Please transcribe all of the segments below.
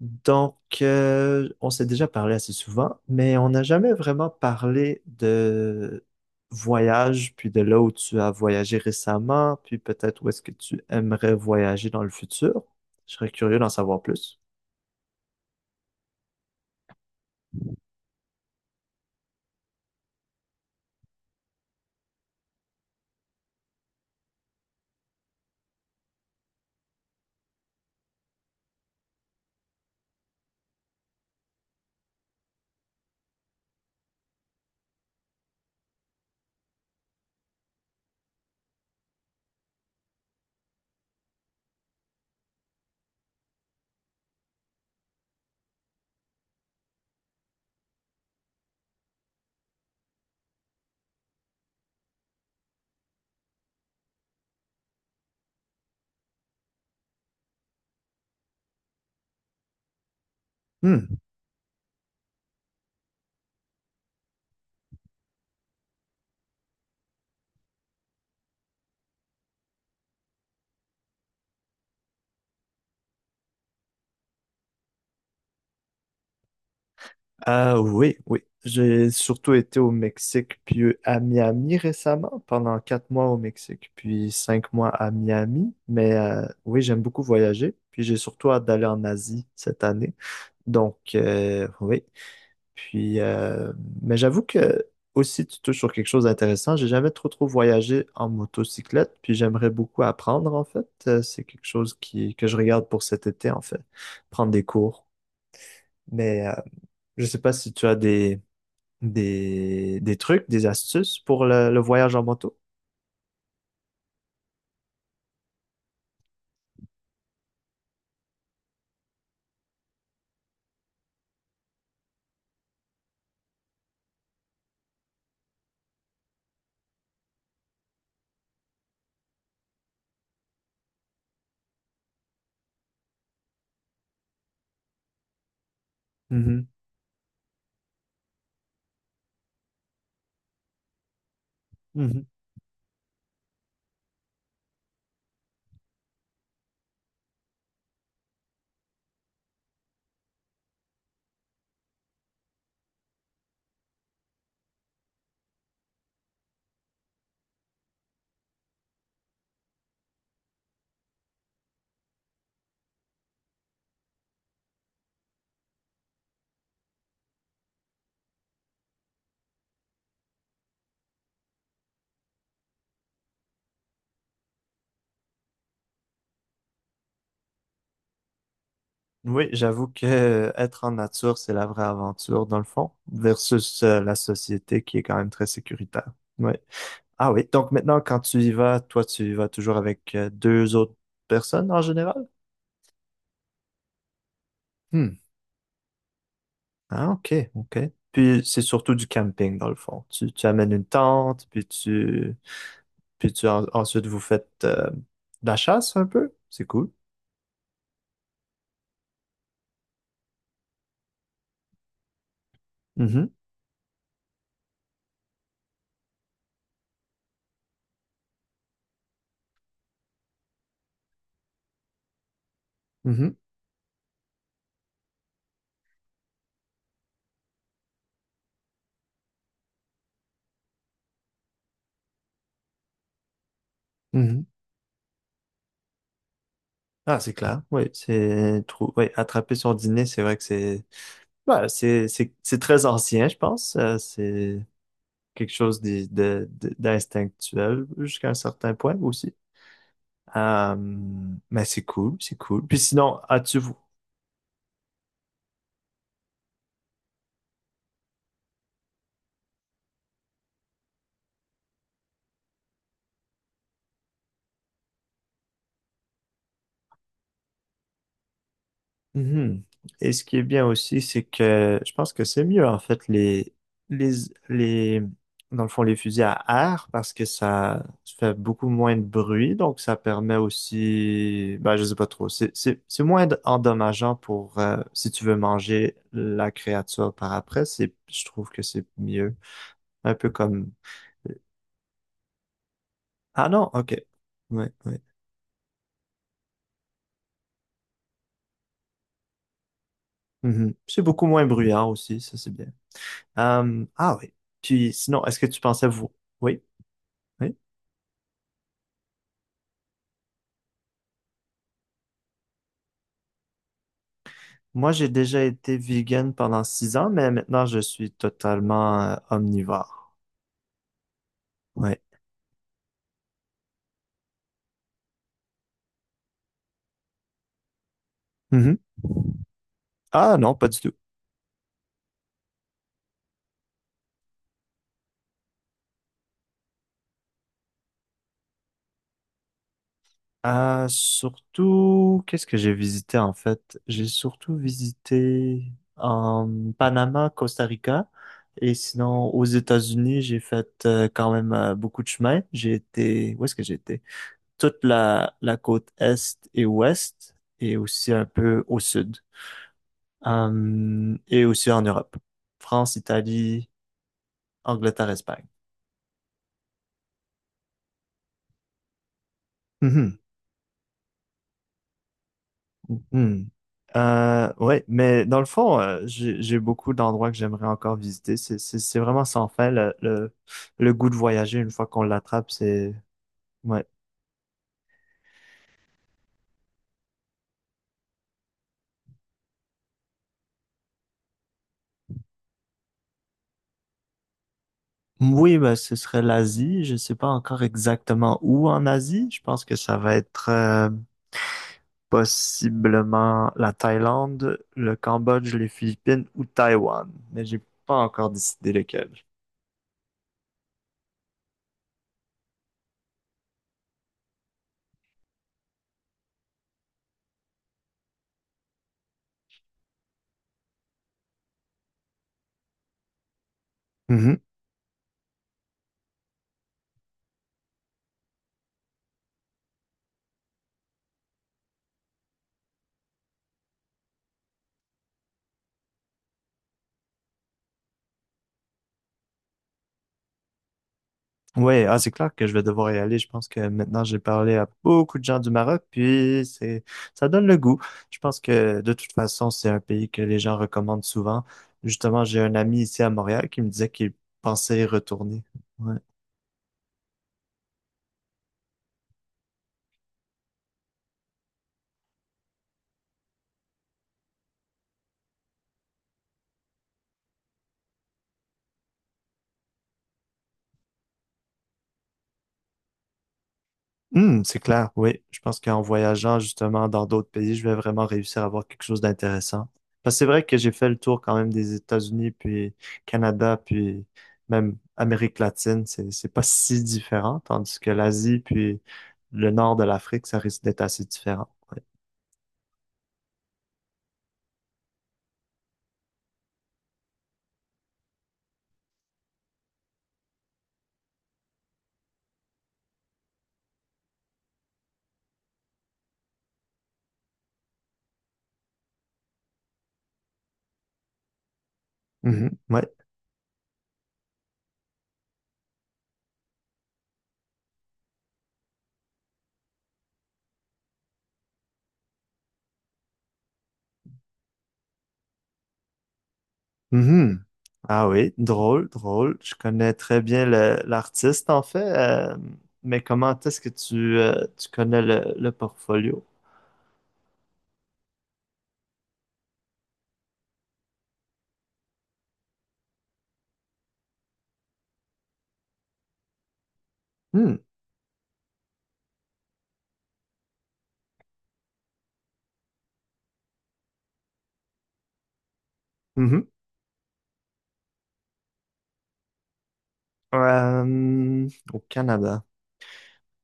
Donc, on s'est déjà parlé assez souvent, mais on n'a jamais vraiment parlé de voyage, puis de là où tu as voyagé récemment, puis peut-être où est-ce que tu aimerais voyager dans le futur. Je serais curieux d'en savoir plus. Hmm. Oui, oui. J'ai surtout été au Mexique, puis à Miami récemment, pendant 4 mois au Mexique, puis 5 mois à Miami. Mais oui, j'aime beaucoup voyager, puis j'ai surtout hâte d'aller en Asie cette année. Donc, oui. Puis, euh, mais j'avoue que aussi, tu touches sur quelque chose d'intéressant. J'ai jamais trop voyagé en motocyclette, puis j'aimerais beaucoup apprendre en fait. C'est quelque chose que je regarde pour cet été en fait, prendre des cours. Mais je sais pas si tu as des trucs, des astuces pour le voyage en moto. Mhm, mhm. Oui, j'avoue que être en nature, c'est la vraie aventure dans le fond, versus la société qui est quand même très sécuritaire. Oui. Ah oui, donc maintenant, quand tu y vas, toi, tu y vas toujours avec deux autres personnes en général? Hmm. Ah, ok, ok. Puis c'est surtout du camping, dans le fond. Tu amènes une tente, puis tu ensuite vous faites de la chasse un peu. C'est cool. Mhm, mhm, mhm. Ah, c'est clair. Oui, oui, attraper son dîner, c'est vrai que c'est ouais, c'est très ancien, je pense. C'est quelque chose d'instinctuel jusqu'à un certain point aussi. Euh, mais c'est cool, c'est cool. Puis sinon, Mhm. Et ce qui est bien aussi, c'est que je pense que c'est mieux, en fait, les, les, dans le fond, les fusils à air, parce que ça fait beaucoup moins de bruit, donc ça permet aussi, ben, je sais pas trop, c'est moins endommageant pour, si tu veux manger la créature par après, je trouve que c'est mieux. Un peu comme, ah non, ok. Ouais, ouais. Mhm. C'est beaucoup moins bruyant aussi, ça c'est bien. Ah oui. Puis sinon, est-ce que tu pensais vous? Oui, oui. Moi, j'ai déjà été vegan pendant 6 ans, mais maintenant je suis totalement omnivore. Oui. Mhm. Ah non, pas du tout. Surtout, qu'est-ce que j'ai visité en fait? J'ai surtout visité en Panama, Costa Rica, et sinon aux États-Unis, j'ai fait quand même beaucoup de chemin. J'ai été, où est-ce que j'étais? Toute la côte est et ouest, et aussi un peu au sud, hum, et aussi en Europe. France, Italie, Angleterre, Espagne. Mhm. Hmm. Ouais, mais dans le fond, j'ai beaucoup d'endroits que j'aimerais encore visiter. C'est vraiment sans fin. Le goût de voyager, une fois qu'on l'attrape, c'est... Ouais. Oui, ben, ce serait l'Asie. Je sais pas encore exactement où en Asie. Je pense que ça va être... possiblement la Thaïlande, le Cambodge, les Philippines ou Taïwan. Mais j'ai pas encore décidé lequel. Mhm. Ouais, ah, c'est clair que je vais devoir y aller. Je pense que maintenant j'ai parlé à beaucoup de gens du Maroc, puis c'est ça donne le goût. Je pense que de toute façon, c'est un pays que les gens recommandent souvent. Justement, j'ai un ami ici à Montréal qui me disait qu'il pensait y retourner. Ouais. Hmm, c'est clair, oui. Je pense qu'en voyageant justement dans d'autres pays, je vais vraiment réussir à avoir quelque chose d'intéressant. Parce que c'est vrai que j'ai fait le tour quand même des États-Unis, puis Canada, puis même Amérique latine. C'est pas si différent, tandis que l'Asie, puis le nord de l'Afrique, ça risque d'être assez différent. Ouais. Mhm, ouais. Mhm. Ah oui, drôle, drôle. Je connais très bien l'artiste en fait, mais comment est-ce que tu, tu connais le portfolio? Hmm. Euh, au Canada.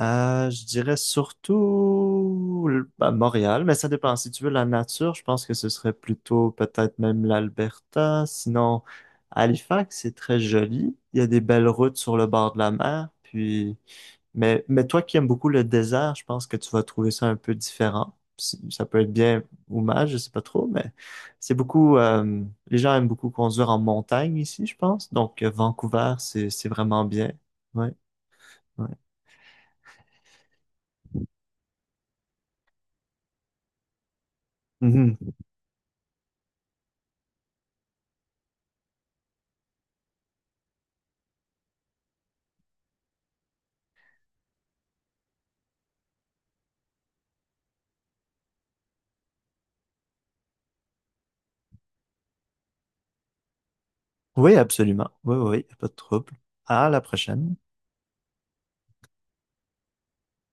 Je dirais surtout à Montréal, mais ça dépend. Si tu veux la nature, je pense que ce serait plutôt peut-être même l'Alberta. Sinon, Halifax, c'est très joli. Il y a des belles routes sur le bord de la mer. Puis, mais toi qui aimes beaucoup le désert, je pense que tu vas trouver ça un peu différent. Ça peut être bien ou mal, je sais pas trop, mais c'est beaucoup. Les gens aiment beaucoup conduire en montagne ici, je pense. Donc Vancouver, c'est vraiment bien. Ouais, ouais. Mhm. Oui, absolument. Oui, oui, pas de trouble. À la prochaine.